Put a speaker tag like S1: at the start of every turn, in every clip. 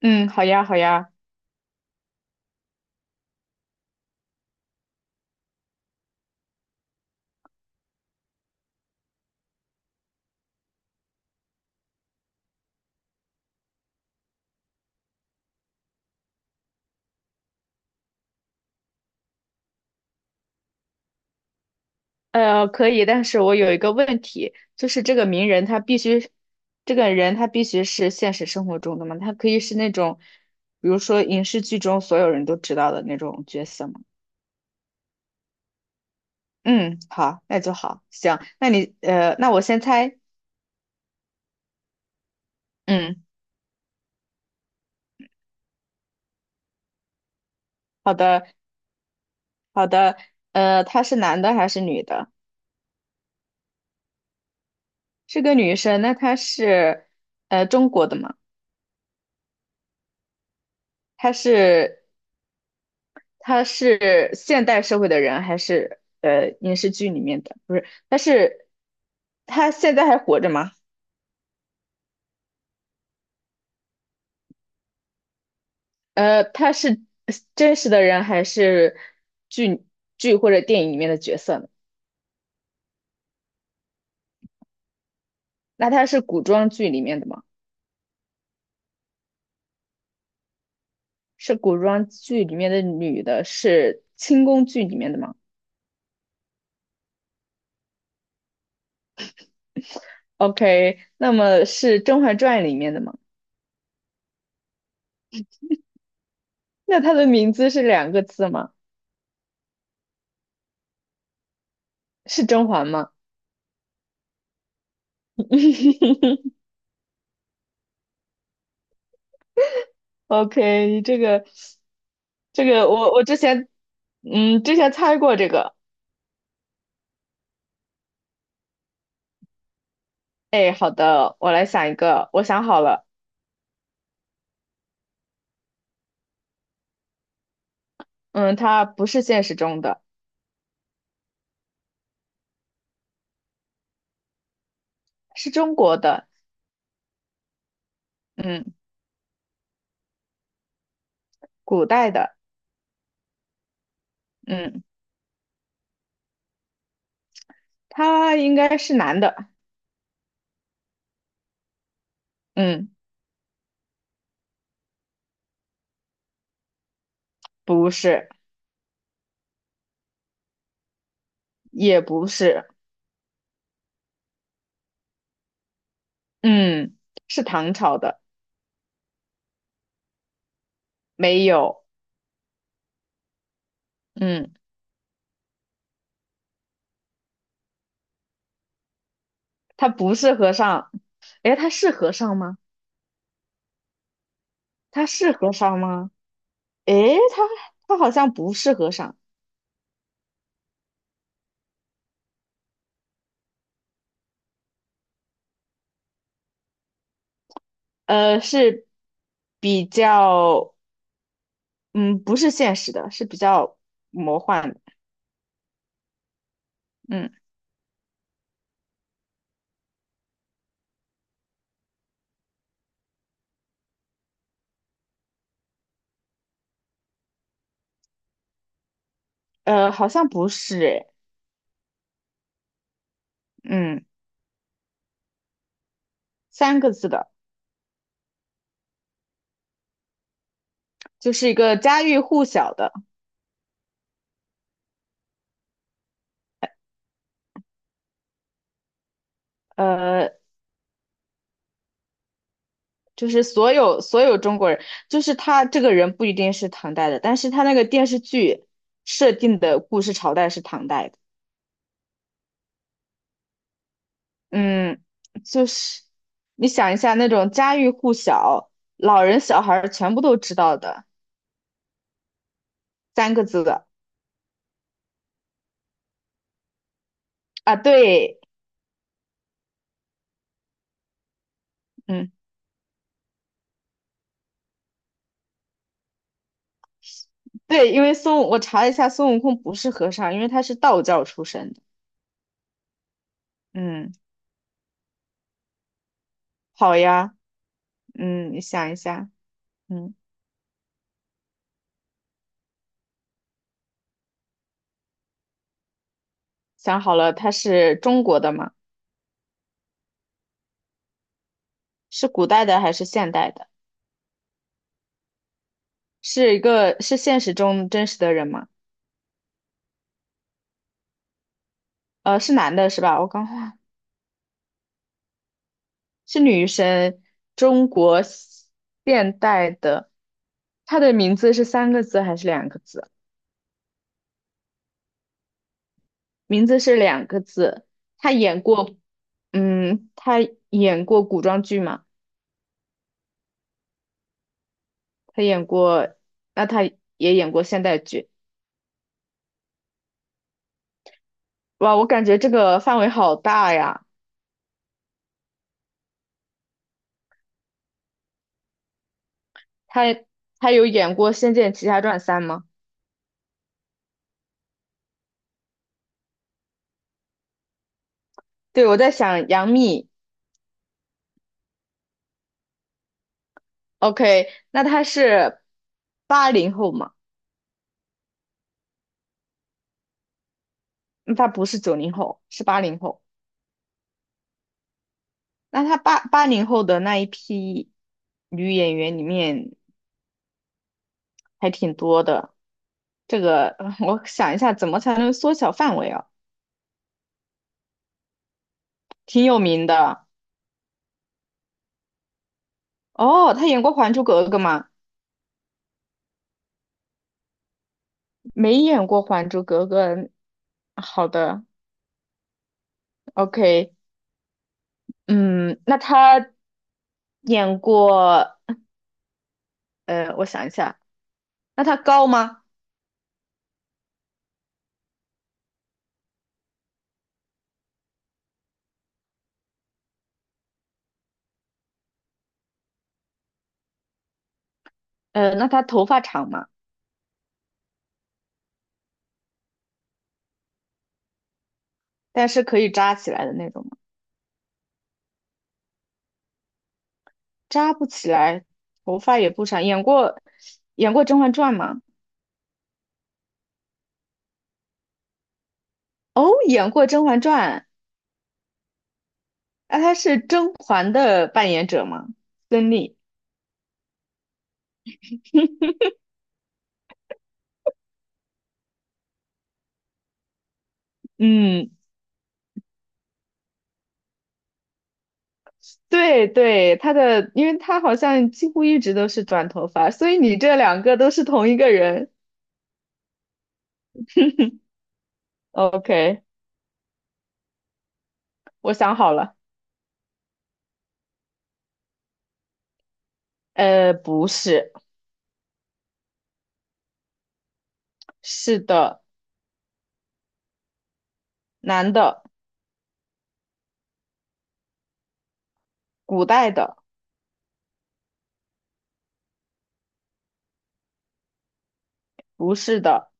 S1: 嗯，好呀，好呀，可以，但是我有一个问题，就是这个名人他必须，这个人他必须是现实生活中的吗？他可以是那种，比如说影视剧中所有人都知道的那种角色吗？嗯，好，那就好，行，那你，那我先猜，嗯，好的，好的，他是男的还是女的？是个女生，那她是，中国的吗？她是他是现代社会的人还是影视剧里面的？不是，他现在还活着吗？他是真实的人还是剧剧或者电影里面的角色呢？那他是古装剧里面的吗？是古装剧里面的女的，是清宫剧里面的吗？OK，那么是《甄嬛传》里面的吗？那她的名字是两个字吗？是甄嬛吗？OK，你这个，这个我之前猜过这个。哎，好的，我来想一个，我想好了。嗯，他不是现实中的，是中国的，嗯，古代的，嗯，他应该是男的，嗯，不是，也不是，嗯，是唐朝的，没有，嗯，他不是和尚。哎，他是和尚吗？他是和尚吗？哎，他他好像不是和尚。是比较，嗯，不是现实的，是比较魔幻的，嗯，好像不是，诶，嗯，三个字的，就是一个家喻户晓的，呃，就是所有中国人，就是他这个人不一定是唐代的，但是他那个电视剧设定的故事朝代是唐代的，嗯，就是你想一下那种家喻户晓，老人小孩儿全部都知道的，三个字的啊，对。嗯。对，因为我查了一下，孙悟空不是和尚，因为他是道教出身的。嗯，好呀，嗯，你想一下，嗯，想好了，他是中国的吗？是古代的还是现代的？是一个是现实中真实的人吗？是男的是吧？我刚忘，是女生，中国现代的。他的名字是三个字还是两个字？名字是两个字。他演过，他演过古装剧吗？他演过，那他也演过现代剧，哇，我感觉这个范围好大呀。他他有演过《仙剑奇侠传三》吗？对，我在想杨幂，OK，那他是八零后嘛？那他不是九零后，是八零后。那他八零后的那一批女演员里面还挺多的。这个我想一下，怎么才能缩小范围啊？挺有名的哦，他演过《还珠格格》吗？没演过《还珠格格》。好的，OK，嗯，那他演过，呃，我想一下，那他高吗？那他头发长吗？但是可以扎起来的那种吗？扎不起来，头发也不长。演过《甄嬛传》吗？哦，演过《甄嬛传》。那他是甄嬛的扮演者吗？孙俪。嗯，对对，他的，因为他好像几乎一直都是短头发，所以你这两个都是同一个人。OK，我想好了，不是，是的，男的，古代的，不是的，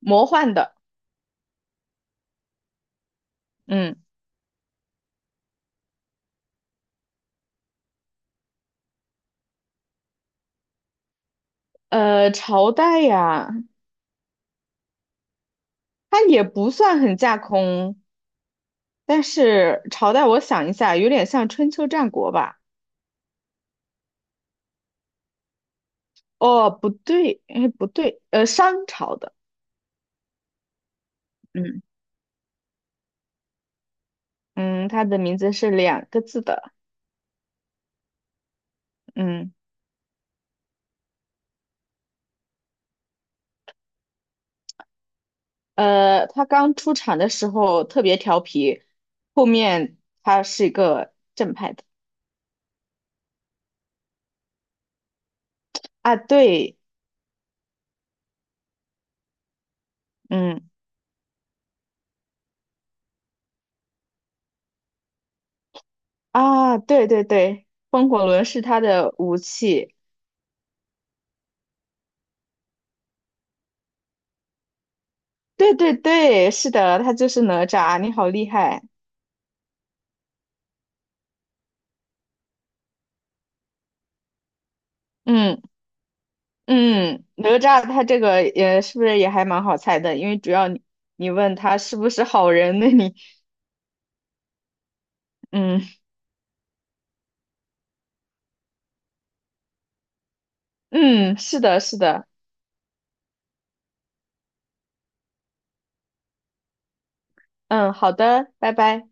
S1: 魔幻的，嗯，朝代呀，它也不算很架空，但是朝代我想一下，有点像春秋战国吧？哦，不对，哎，不对，商朝的，嗯嗯，它的名字是两个字的，嗯，它刚出场的时候特别调皮，后面它是一个正派的。啊，对，嗯，啊，对对对，风火轮是他的武器，对对对，是的，他就是哪吒，你好厉害，嗯嗯，哪吒他这个也是不是也还蛮好猜的，因为主要你问他是不是好人，那你 嗯嗯，是的，是的，嗯，好的，拜拜。